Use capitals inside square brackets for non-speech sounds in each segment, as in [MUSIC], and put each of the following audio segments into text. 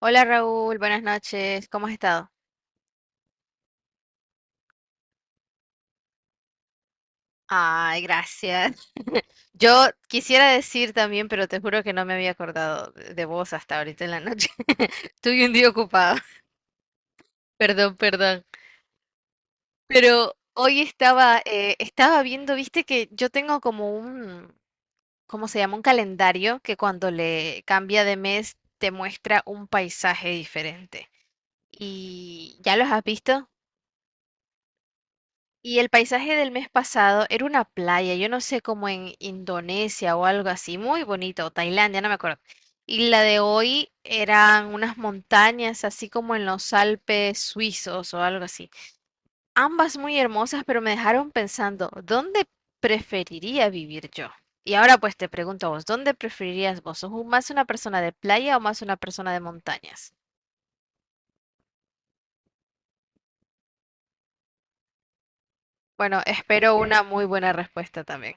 Hola Raúl, buenas noches, ¿cómo has estado? Ay, gracias. [LAUGHS] Yo quisiera decir también, pero te juro que no me había acordado de vos hasta ahorita en la noche. [LAUGHS] Tuve un día ocupado, [LAUGHS] perdón, perdón. Pero hoy estaba, estaba viendo, viste que yo tengo como un, ¿cómo se llama? Un calendario que cuando le cambia de mes te muestra un paisaje diferente. ¿Y ya los has visto? Y el paisaje del mes pasado era una playa, yo no sé, como en Indonesia o algo así, muy bonito, o Tailandia, no me acuerdo. Y la de hoy eran unas montañas, así como en los Alpes suizos o algo así. Ambas muy hermosas, pero me dejaron pensando, ¿dónde preferiría vivir yo? Y ahora pues te pregunto a vos, ¿dónde preferirías vos? Más una persona de playa o más una persona de montañas? Bueno, espero una muy buena respuesta también.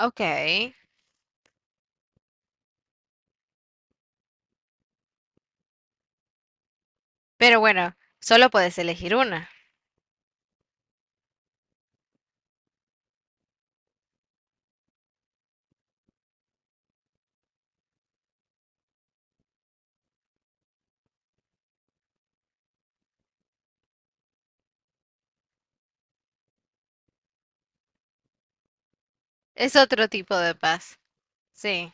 Ok. Pero bueno, solo puedes elegir una. Es otro tipo de paz. Sí.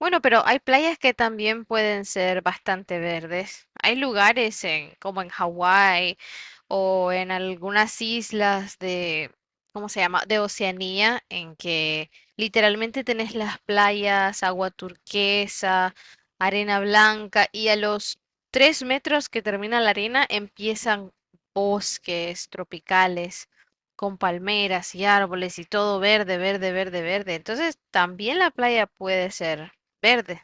Bueno, pero hay playas que también pueden ser bastante verdes. Hay lugares en, como en Hawái o en algunas islas de, ¿cómo se llama? De Oceanía, en que literalmente tenés las playas, agua turquesa, arena blanca y a los tres metros que termina la arena empiezan bosques tropicales con palmeras y árboles y todo verde, verde, verde, verde. Entonces también la playa puede ser verde.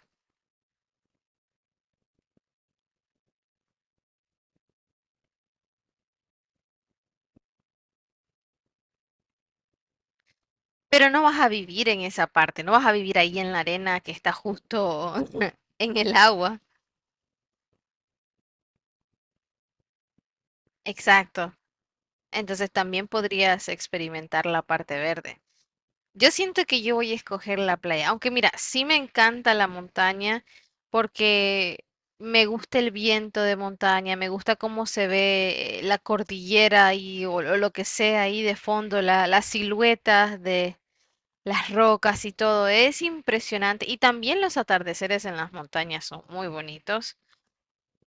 Pero no vas a vivir en esa parte, no vas a vivir ahí en la arena que está justo [LAUGHS] en el agua. Exacto. Entonces también podrías experimentar la parte verde. Yo siento que yo voy a escoger la playa, aunque mira, sí me encanta la montaña porque me gusta el viento de montaña, me gusta cómo se ve la cordillera y o lo que sea ahí de fondo, las siluetas de, las rocas y todo, es impresionante. Y también los atardeceres en las montañas son muy bonitos,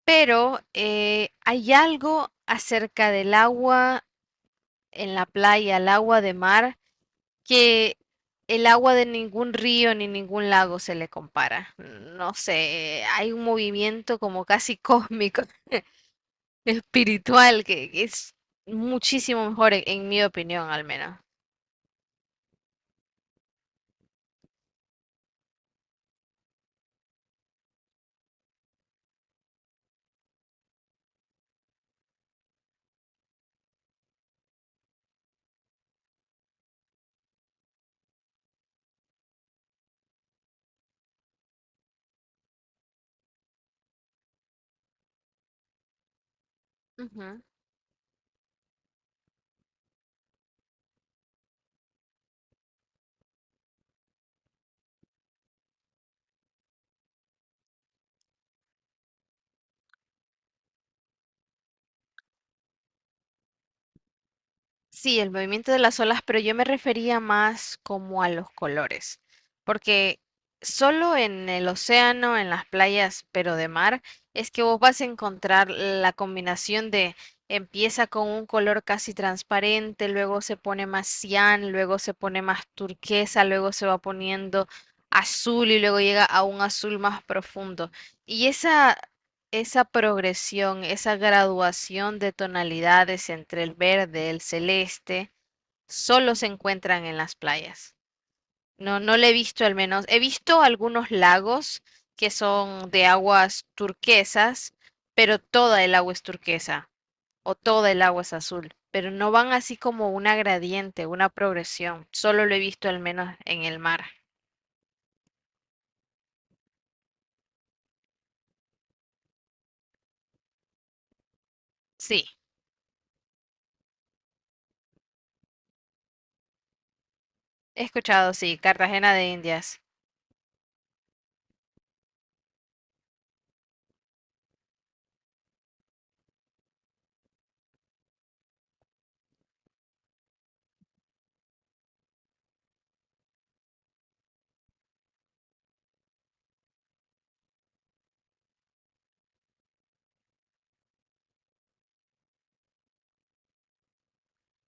pero hay algo acerca del agua en la playa, el agua de mar, que el agua de ningún río ni ningún lago se le compara. No sé, hay un movimiento como casi cósmico, [LAUGHS] espiritual, que es muchísimo mejor, en mi opinión al menos. Ujú. Sí, el movimiento de las olas, pero yo me refería más como a los colores, porque solo en el océano, en las playas, pero de mar, es que vos vas a encontrar la combinación de empieza con un color casi transparente, luego se pone más cian, luego se pone más turquesa, luego se va poniendo azul y luego llega a un azul más profundo. Y esa progresión, esa graduación de tonalidades entre el verde, el celeste, solo se encuentran en las playas. No, no le he visto al menos. He visto algunos lagos que son de aguas turquesas, pero toda el agua es turquesa o toda el agua es azul, pero no van así como una gradiente, una progresión. Solo lo he visto al menos en el mar. Sí, he escuchado, sí, Cartagena de Indias.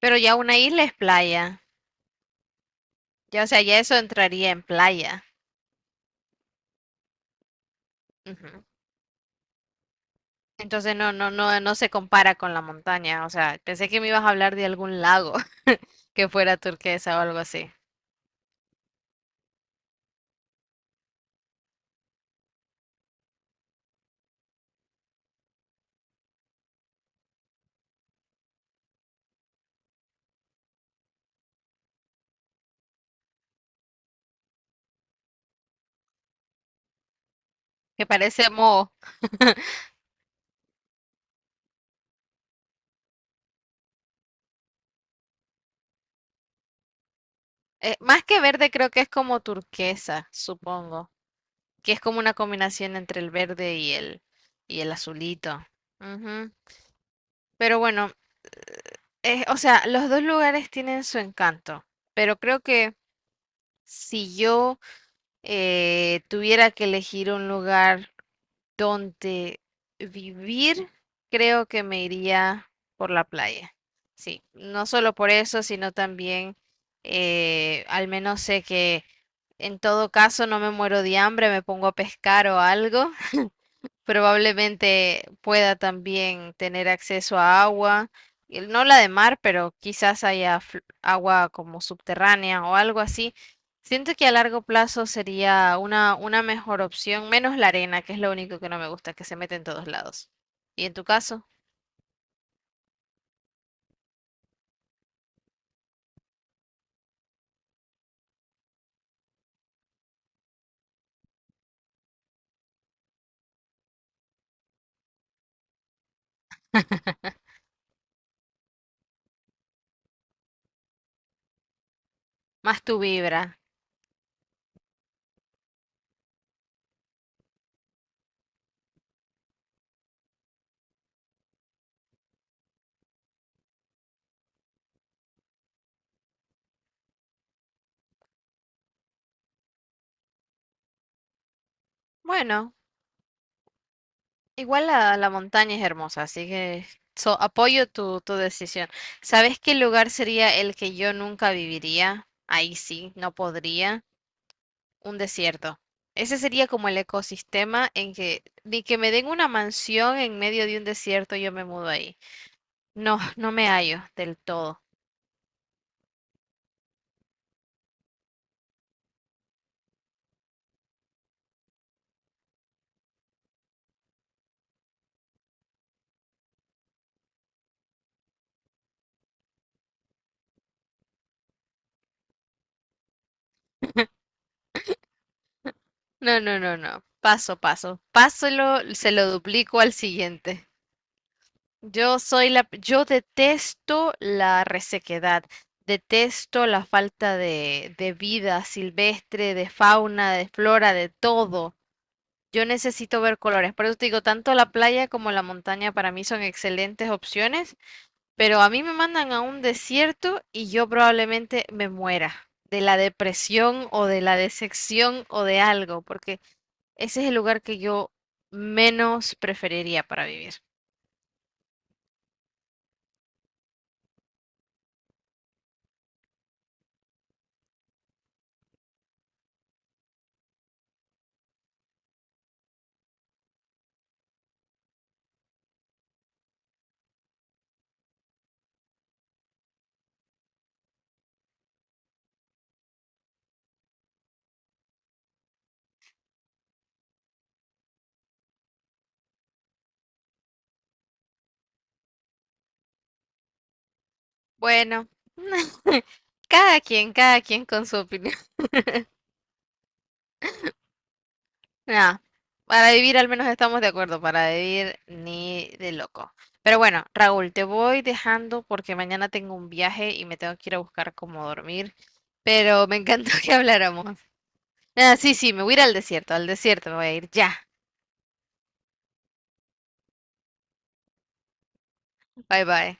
Pero ya una isla es playa. Ya, o sea, ya eso entraría en playa. Ujú. Entonces no, no, no, no se compara con la montaña. O sea, pensé que me ibas a hablar de algún lago [LAUGHS] que fuera turquesa o algo así. Que parece mo, más que verde creo que es como turquesa, supongo. Que es como una combinación entre el verde y el azulito. Ujú. Pero bueno, o sea, los dos lugares tienen su encanto. Pero creo que si yo tuviera que elegir un lugar donde vivir, creo que me iría por la playa. Sí, no solo por eso, sino también al menos sé que en todo caso no me muero de hambre, me pongo a pescar o algo. Probablemente pueda también tener acceso a agua, no la de mar, pero quizás haya agua como subterránea o algo así. Siento que a largo plazo sería una mejor opción, menos la arena, que es lo único que no me gusta, que se mete en todos lados. Y en tu caso, más tu vibra. Bueno, igual la montaña es hermosa, así que apoyo tu decisión. ¿Sabes qué lugar sería el que yo nunca viviría? Ahí sí, no podría. Un desierto. Ese sería como el ecosistema en que ni que me den una mansión en medio de un desierto, yo me mudo ahí. No, [LAUGHS] no me hallo del todo. No, no, no, no. Paso, paso. Páselo, se lo duplico al siguiente. Yo detesto la resequedad, detesto la falta de vida silvestre, de fauna, de flora, de todo. Yo necesito ver colores. Por eso te digo, tanto la playa como la montaña para mí son excelentes opciones. Pero a mí me mandan a un desierto y yo probablemente me muera de la depresión o de la decepción o de algo, porque ese es el lugar que yo menos preferiría para vivir. Bueno, [LAUGHS] cada quien con su opinión. [LAUGHS] Nah, para vivir al menos estamos de acuerdo, para vivir ni de loco. Pero bueno, Raúl, te voy dejando porque mañana tengo un viaje y me tengo que ir a buscar cómo dormir, pero me encantó [LAUGHS] que habláramos. Ah, sí, sí, me voy a ir al desierto me voy a ir, ya. Bye bye.